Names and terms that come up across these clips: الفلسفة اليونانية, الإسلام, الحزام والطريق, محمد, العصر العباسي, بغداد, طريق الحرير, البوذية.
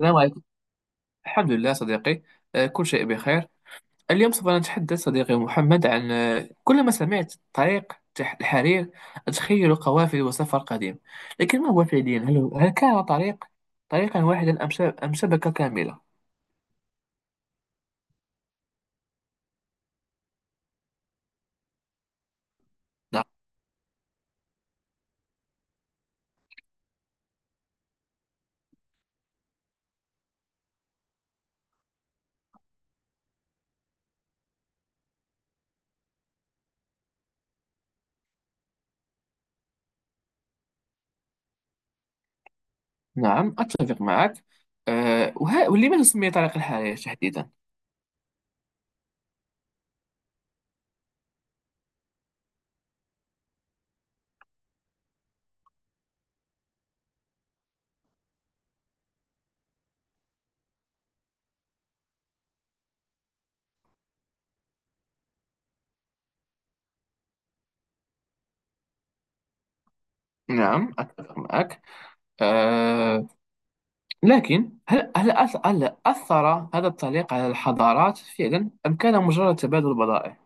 السلام عليكم. الحمد لله صديقي، كل شيء بخير. اليوم سوف نتحدث صديقي محمد عن، كلما سمعت طريق الحرير أتخيل قوافل وسفر قديم، لكن ما هو فعليا؟ هل كان طريق واحدا أم أم شبكة كاملة؟ نعم. نعم أتفق معك. أه، ولماذا سمي طريق الحرير تحديدا؟ نعم أتفق معك. أه، لكن هل أثر هذا الطريق على الحضارات فعلا، أم كان مجرد تبادل بضائع؟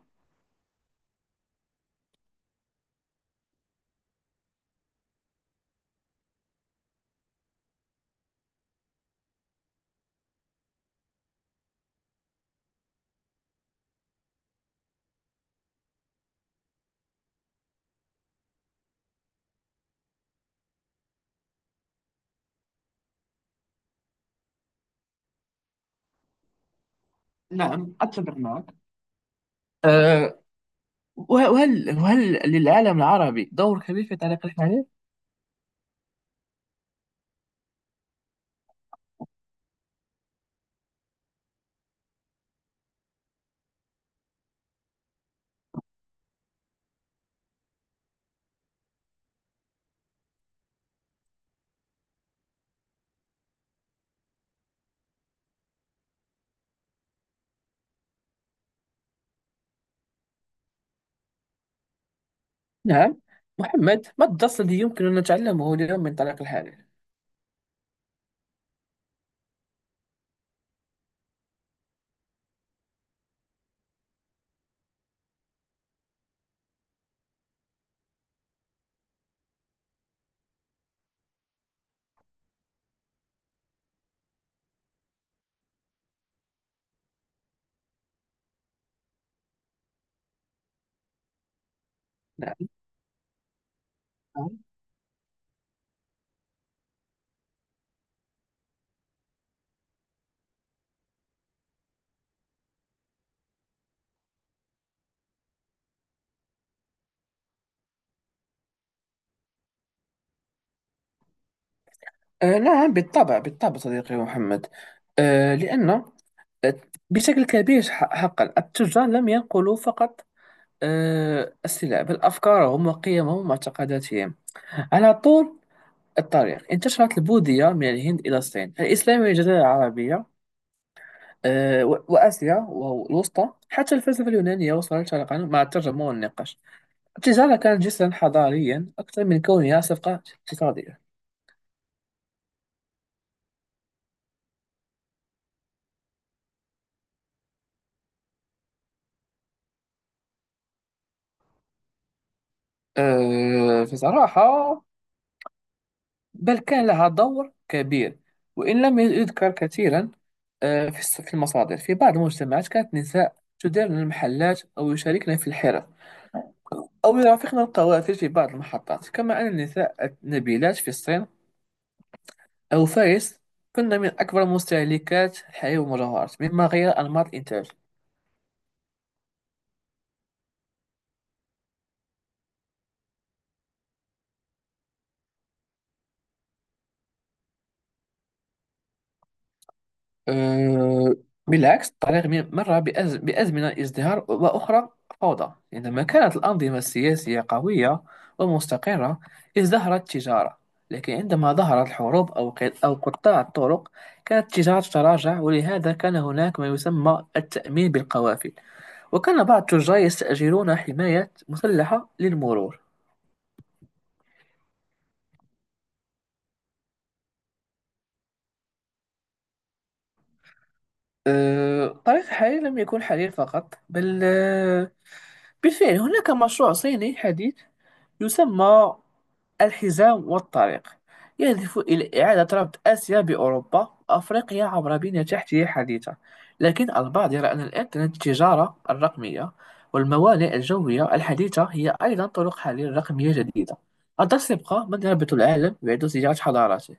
نعم أتفق معك. أه، وهل للعالم العربي دور كبير في تعليق الحديث؟ نعم. محمد، ما الدرس الذي يمكن أن نتعلمه اليوم من تعليق الحديث؟ نعم. أه نعم، بالطبع صديقي محمد. أه، لأن آه، بشكل كبير، حقا التجار لم ينقلوا فقط أه السلع، بل أفكارهم وقيمهم واعتقاداتهم. على طول الطريق انتشرت البوذية من الهند إلى الصين، الإسلام والجزيرة العربية، وآسيا والوسطى، حتى الفلسفة اليونانية وصلت شرقا مع الترجمة والنقاش. التجارة كانت جسرا حضاريا أكثر من كونها صفقة اقتصادية. بصراحة، بل كان لها دور كبير وإن لم يذكر كثيرا. في في المصادر، في بعض المجتمعات كانت النساء تديرن المحلات أو يشاركن في الحرف أو يرافقن القوافل في بعض المحطات. كما أن النساء النبيلات في الصين أو فارس كنا من أكبر مستهلكات الحليب والمجوهرات، مما غير أنماط الإنتاج. أه، بالعكس. الطريق مر بأزمنة ازدهار وأخرى فوضى. عندما كانت الأنظمة السياسية قوية ومستقرة ازدهرت التجارة، لكن عندما ظهرت الحروب أو قطاع الطرق كانت التجارة تتراجع. ولهذا كان هناك ما يسمى التأمين بالقوافل، وكان بعض التجار يستأجرون حماية مسلحة للمرور. طريق الحرير لم يكن حرير فقط، بل بالفعل هناك مشروع صيني حديث يسمى الحزام والطريق، يهدف إلى إعادة ربط آسيا بأوروبا وأفريقيا عبر بنية تحتية حديثة. لكن البعض يرى أن الإنترنت، التجارة الرقمية والموانئ الجوية الحديثة هي أيضا طرق حل رقمية جديدة، قد سيبقى من يربط العالم ويعيد صياغة حضارته.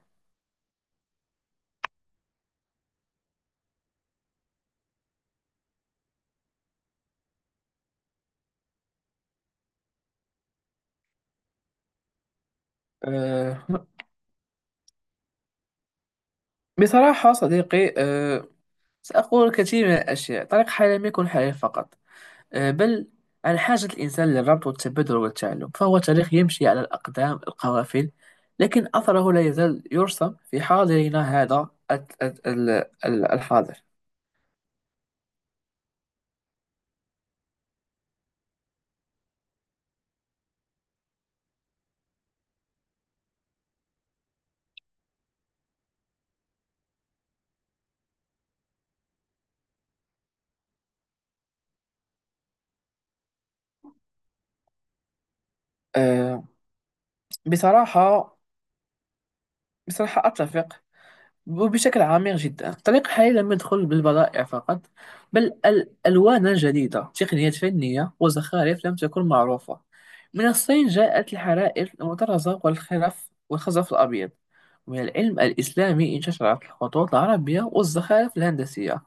أه بصراحة صديقي، أه سأقول كثير من الأشياء. طريق حياة لم يكن حياة فقط، بل عن حاجة الإنسان للربط والتبادل والتعلم، فهو تاريخ يمشي على الأقدام القوافل، لكن أثره لا يزال يرسم في حاضرنا هذا ال- الحاضر. آه، بصراحة، أتفق وبشكل عميق جدا. الطريق حاليا لم يدخل بالبضائع فقط، بل الألوان جديدة، تقنيات فنية وزخارف لم تكن معروفة. من الصين جاءت الحرائر المطرزة والخرف والخزف الأبيض، ومن العلم الإسلامي انتشرت الخطوط العربية والزخارف الهندسية،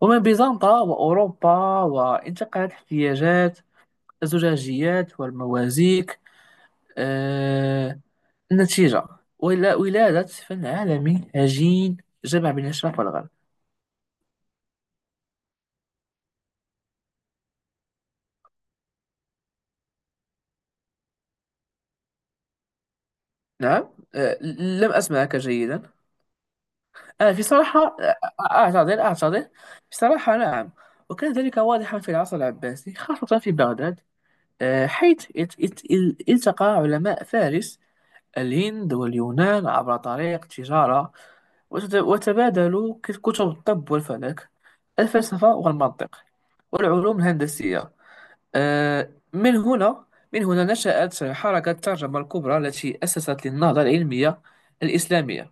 ومن بيزنطة وأوروبا وانتقلت احتياجات الزجاجيات والموازيك. آه، النتيجة، ولا ولادة فن عالمي هجين جمع بين الشرق والغرب. نعم. لم أسمعك جيدا. في صراحة، أعتذر في صراحة نعم، وكان ذلك واضحا في العصر العباسي، خاصة في بغداد. حيث التقى علماء فارس، الهند واليونان عبر طريق التجارة، وتبادلوا كتب الطب والفلك، الفلسفة والمنطق، والعلوم الهندسية. من هنا، نشأت حركة الترجمة الكبرى التي أسست للنهضة العلمية الإسلامية.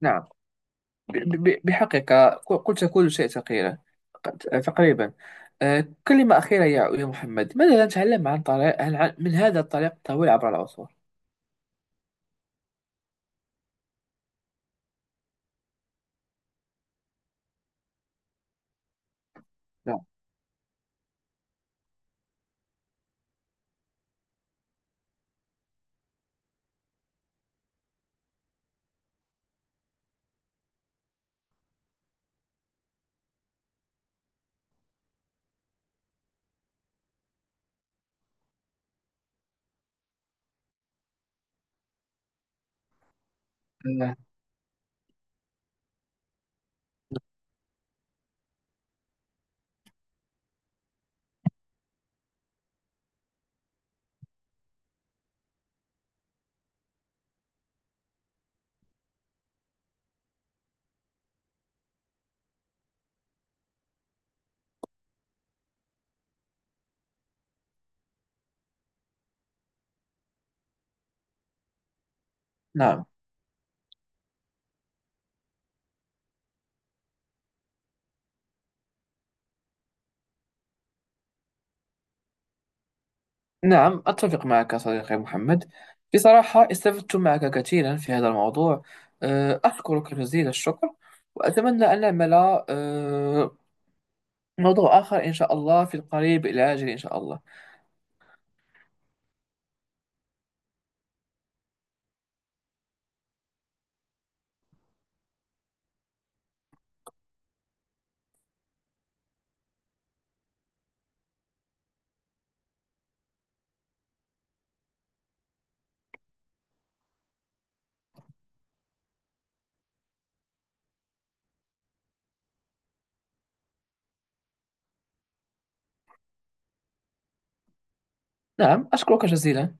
نعم. بحقيقة قلت كل شيء تقريبا، تقريبا كلمة أخيرة يا محمد، ماذا نتعلم عن طريق من هذا الطريق الطويل عبر العصور؟ نعم. آه، نعم. نعم أتفق معك صديقي محمد، بصراحة استفدت معك كثيرا في هذا الموضوع. أشكرك جزيل الشكر، وأتمنى أن نعمل آه، موضوع آخر إن شاء الله في القريب الآجل، إن شاء الله. نعم أشكرك جزيلا.